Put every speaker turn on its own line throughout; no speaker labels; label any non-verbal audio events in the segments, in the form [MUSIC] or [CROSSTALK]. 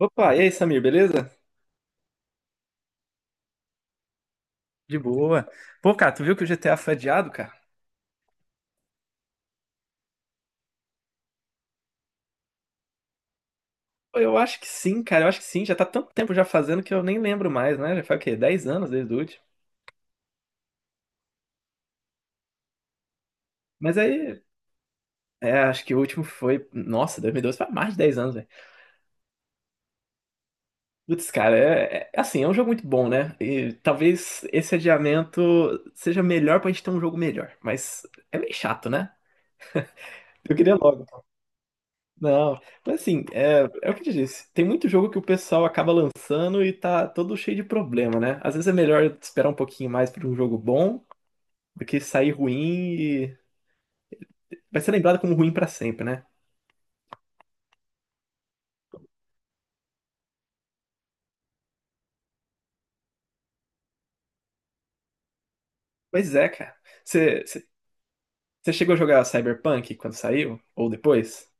Opa, e aí, Samir, beleza? De boa. Pô, cara, tu viu que o GTA foi adiado, cara? Pô, eu acho que sim, cara, eu acho que sim. Já tá tanto tempo já fazendo que eu nem lembro mais, né? Já foi o quê? 10 anos desde o último. Mas aí, é, acho que o último foi. Nossa, 2012 foi há mais de 10 anos, velho. Putz, cara, é assim, é um jogo muito bom, né? E talvez esse adiamento seja melhor pra gente ter um jogo melhor. Mas é meio chato, né? Eu queria logo. Não, mas assim, é o que eu te disse. Tem muito jogo que o pessoal acaba lançando e tá todo cheio de problema, né? Às vezes é melhor esperar um pouquinho mais pra um jogo bom do que sair ruim e vai ser lembrado como ruim pra sempre, né? Pois é, cara. Você você- você chegou a jogar Cyberpunk quando saiu? Ou depois?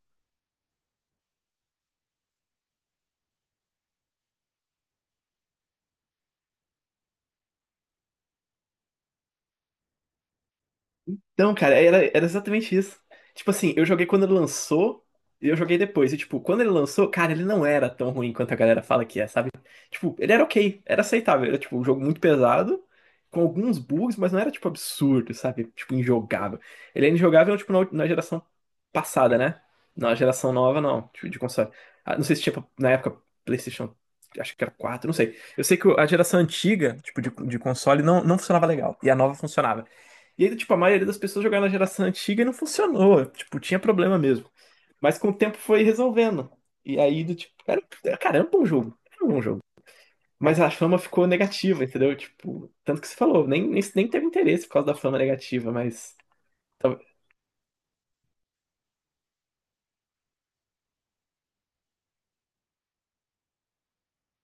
Então, cara, era exatamente isso. Tipo assim, eu joguei quando ele lançou e eu joguei depois. E, tipo, quando ele lançou, cara, ele não era tão ruim quanto a galera fala que é, sabe? Tipo, ele era ok, era aceitável. Era, tipo, um jogo muito pesado, com alguns bugs, mas não era, tipo, absurdo, sabe? Tipo, injogável. Ele é injogável, tipo, na geração passada, né? Na geração nova, não, tipo, de console. Ah, não sei se tinha, na época, PlayStation, acho que era 4, não sei. Eu sei que a geração antiga, tipo, de console, não funcionava legal. E a nova funcionava. E aí, tipo, a maioria das pessoas jogaram na geração antiga e não funcionou. Tipo, tinha problema mesmo. Mas com o tempo foi resolvendo. E aí, do tipo, era, era- cara, era um bom jogo. Era um bom jogo. Mas a fama ficou negativa, entendeu? Tipo, tanto que você falou, nem teve interesse por causa da fama negativa, mas. tal-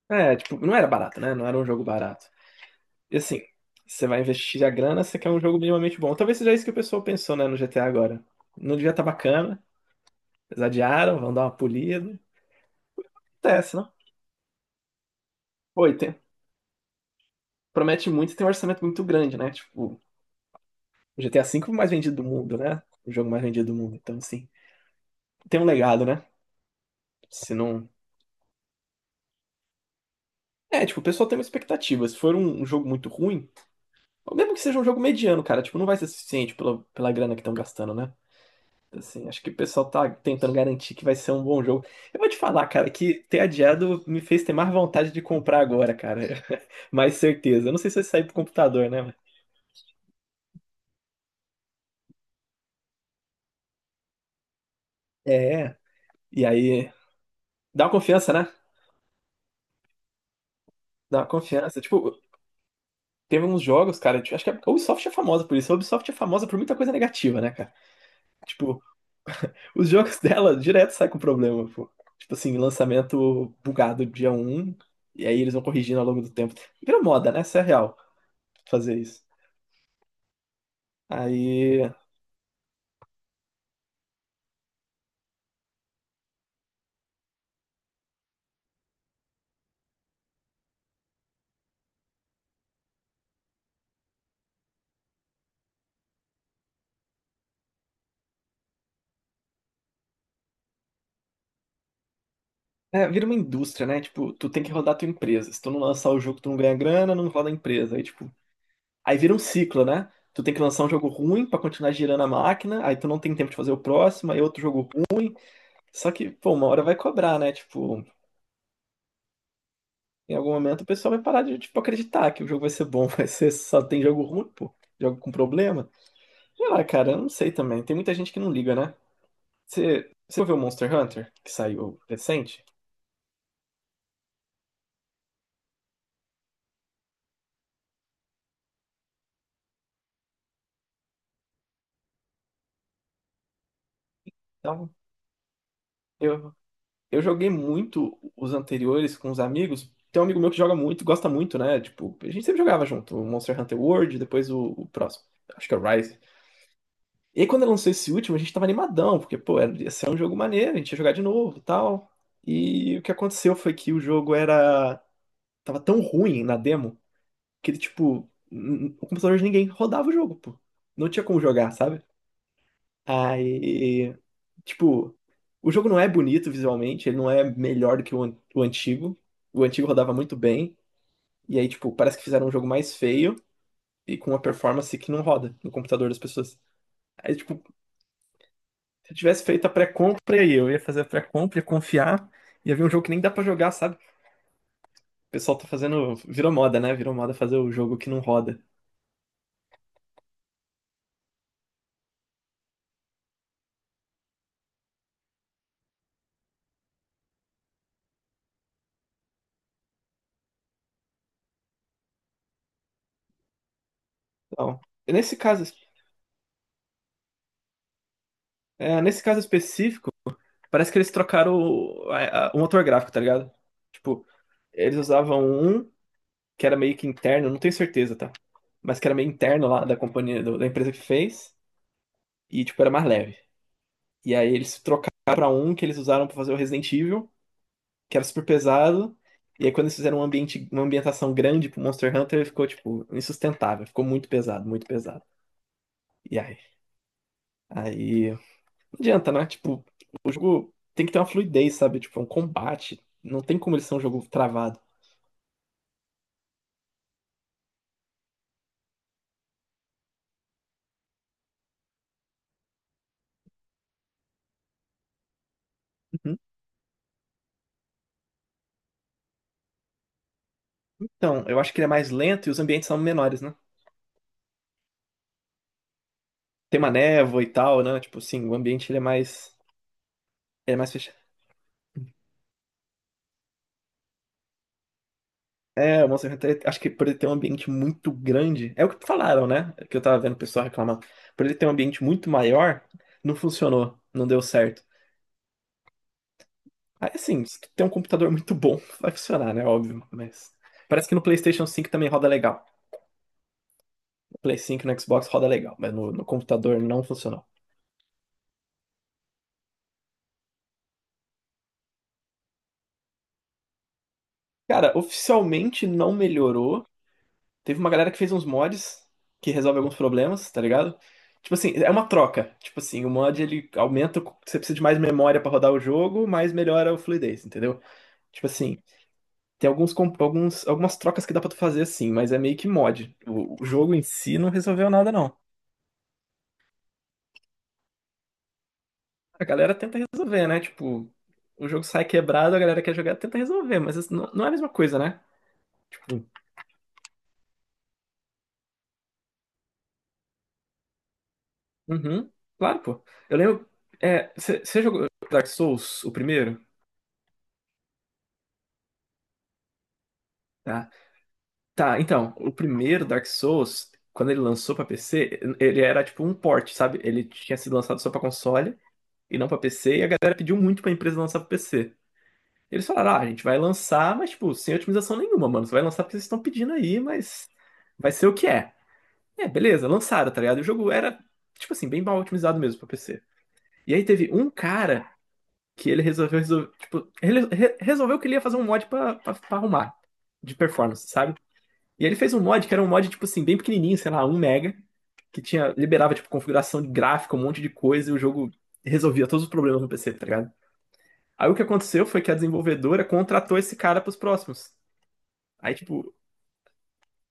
É, tipo, não era barato, né? Não era um jogo barato. E assim, você vai investir a grana, você quer um jogo minimamente bom. Talvez seja isso que o pessoal pensou, né, no GTA agora. Não devia estar bacana, eles adiaram, vão dar uma polida. Acontece, não? Oi, tem, promete muito e tem um orçamento muito grande, né? Tipo, o GTA V é o mais vendido do mundo, né? O jogo mais vendido do mundo. Então, assim, tem um legado, né? Se não. É, tipo, o pessoal tem uma expectativa. Se for um jogo muito ruim, ou mesmo que seja um jogo mediano, cara, tipo, não vai ser suficiente pela grana que estão gastando, né? Assim, acho que o pessoal tá tentando garantir que vai ser um bom jogo. Eu vou te falar, cara, que ter adiado me fez ter mais vontade de comprar agora, cara. [LAUGHS] mais certeza. Eu não sei se vai sair pro computador, né? mano? É, e aí. Dá uma confiança, né? Dá uma confiança. Tipo, teve uns jogos, cara, tipo, acho que a Ubisoft é famosa por isso. A Ubisoft é famosa por muita coisa negativa, né, cara? Tipo, os jogos [LAUGHS] dela direto saem com problema, pô. Tipo assim, lançamento bugado dia um e aí eles vão corrigindo ao longo do tempo. Vira moda, né? Isso é real, fazer isso. Aí, é, vira uma indústria, né? Tipo, tu tem que rodar a tua empresa. Se tu não lançar o jogo, tu não ganha grana, não roda a empresa. Aí, tipo, aí vira um ciclo, né? Tu tem que lançar um jogo ruim pra continuar girando a máquina, aí tu não tem tempo de fazer o próximo, aí outro jogo ruim. Só que, pô, uma hora vai cobrar, né? Tipo, em algum momento o pessoal vai parar de, tipo, acreditar que o jogo vai ser bom, [LAUGHS] vai ser só tem jogo ruim, pô. Jogo com problema. Sei lá, cara, eu não sei também. Tem muita gente que não liga, né? Você viu o Monster Hunter, que saiu recente? Então, eu, eu joguei muito os anteriores com os amigos. Tem um amigo meu que joga muito, gosta muito, né? Tipo, a gente sempre jogava junto. O Monster Hunter World, depois o próximo. Acho que é o Rise. E aí, quando lançou esse último, a gente tava animadão, porque, pô, ia ser um jogo maneiro, a gente ia jogar de novo e tal. E o que aconteceu foi que o jogo era. Tava tão ruim na demo que ele, tipo, o computador de ninguém rodava o jogo, pô. Não tinha como jogar, sabe? Aí, tipo, o jogo não é bonito visualmente, ele não é melhor do que o antigo. O antigo rodava muito bem, e aí, tipo, parece que fizeram um jogo mais feio e com uma performance que não roda no computador das pessoas. Aí, tipo, se eu tivesse feito a pré-compra aí, eu ia fazer a pré-compra, ia confiar, ia ver um jogo que nem dá pra jogar, sabe? O pessoal tá fazendo. Virou moda, né? Virou moda fazer o jogo que não roda. Então, nesse caso, é, nesse caso específico, parece que eles trocaram o motor gráfico, tá ligado? Tipo, eles usavam um que era meio que interno, não tenho certeza, tá? Mas que era meio interno lá da companhia, da empresa que fez, e tipo, era mais leve. E aí eles trocaram pra um que eles usaram pra fazer o Resident Evil, que era super pesado. E aí quando eles fizeram um ambiente, uma ambientação grande pro Monster Hunter, ficou, tipo, insustentável. Ficou muito pesado, muito pesado. E aí? Aí não adianta, né? Tipo, o jogo tem que ter uma fluidez, sabe? Tipo, é um combate. Não tem como ele ser um jogo travado. Uhum. Então, eu acho que ele é mais lento e os ambientes são menores, né? Tem uma névoa e tal, né? Tipo, assim, o ambiente ele é mais. Ele é mais fechado. É, o Monster Hunter, acho que por ele ter um ambiente muito grande. É o que falaram, né? Que eu tava vendo o pessoal reclamar. Por ele ter um ambiente muito maior, não funcionou. Não deu certo. Aí, assim, se tu tem um computador muito bom, [LAUGHS] vai funcionar, né? Óbvio. Mas. Parece que no PlayStation 5 também roda legal. Play 5 no Xbox roda legal, mas no computador não funcionou. Cara, oficialmente não melhorou. Teve uma galera que fez uns mods que resolve alguns problemas, tá ligado? Tipo assim, é uma troca. Tipo assim, o mod ele aumenta, você precisa de mais memória pra rodar o jogo, mas melhora o fluidez, entendeu? Tipo assim, tem alguns, algumas trocas que dá pra tu fazer assim, mas é meio que mod. O jogo em si não resolveu nada, não. A galera tenta resolver, né? Tipo, o jogo sai quebrado, a galera quer jogar, tenta resolver, mas isso não é a mesma coisa, né? Tipo, uhum. Claro, pô. Eu lembro. É, você jogou Dark Souls, o primeiro? Tá. Tá, então, o primeiro Dark Souls, quando ele lançou pra PC, ele era tipo um port, sabe? Ele tinha sido lançado só pra console e não pra PC, e a galera pediu muito pra empresa lançar pra PC. Eles falaram, ah, a gente vai lançar, mas tipo, sem otimização nenhuma, mano. Você vai lançar porque vocês estão pedindo aí, mas vai ser o que é. É, beleza, lançaram, tá ligado? E o jogo era, tipo assim, bem mal otimizado mesmo pra PC. E aí teve um cara que ele resolveu tipo, ele resolveu que ele ia fazer um mod pra, arrumar, de performance, sabe? E ele fez um mod que era um mod, tipo assim, bem pequenininho, sei lá, um mega, que tinha, liberava, tipo, configuração de gráfico, um monte de coisa, e o jogo resolvia todos os problemas no PC, tá ligado? Aí o que aconteceu foi que a desenvolvedora contratou esse cara pros próximos. Aí, tipo,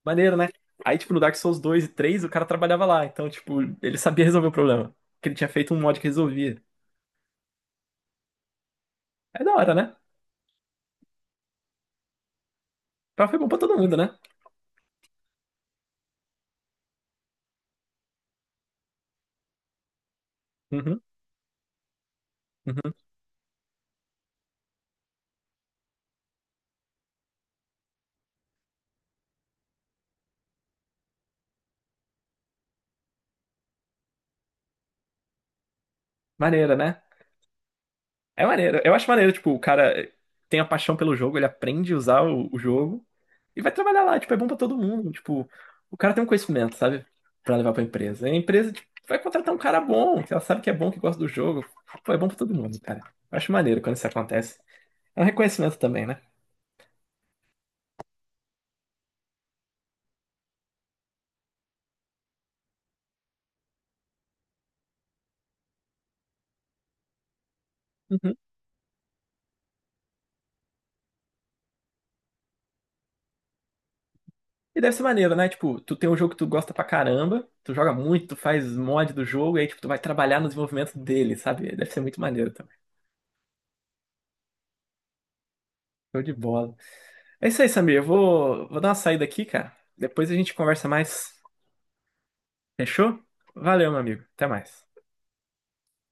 maneiro, né? Aí, tipo, no Dark Souls 2 e 3 o cara trabalhava lá, então, tipo, ele sabia resolver o problema. Porque ele tinha feito um mod que resolvia. É da hora, né? Então foi bom pra todo mundo, né? Uhum. Maneira, né? É maneiro. Eu acho maneiro, tipo, o cara tem a paixão pelo jogo, ele aprende a usar o jogo e vai trabalhar lá. Tipo, é bom pra todo mundo. Tipo, o cara tem um conhecimento, sabe? Pra levar pra empresa. E a empresa, tipo, vai contratar um cara bom, que ela sabe que é bom, que gosta do jogo. Pô, é bom pra todo mundo, cara. Eu acho maneiro quando isso acontece. É um reconhecimento também, né? Uhum. E deve ser maneiro, né? Tipo, tu tem um jogo que tu gosta pra caramba, tu joga muito, tu faz mod do jogo, e aí, tipo, tu vai trabalhar no desenvolvimento dele, sabe? Deve ser muito maneiro também. Show de bola. É isso aí, Samir. Eu vou dar uma saída aqui, cara. Depois a gente conversa mais. Fechou? Valeu, meu amigo. Até mais.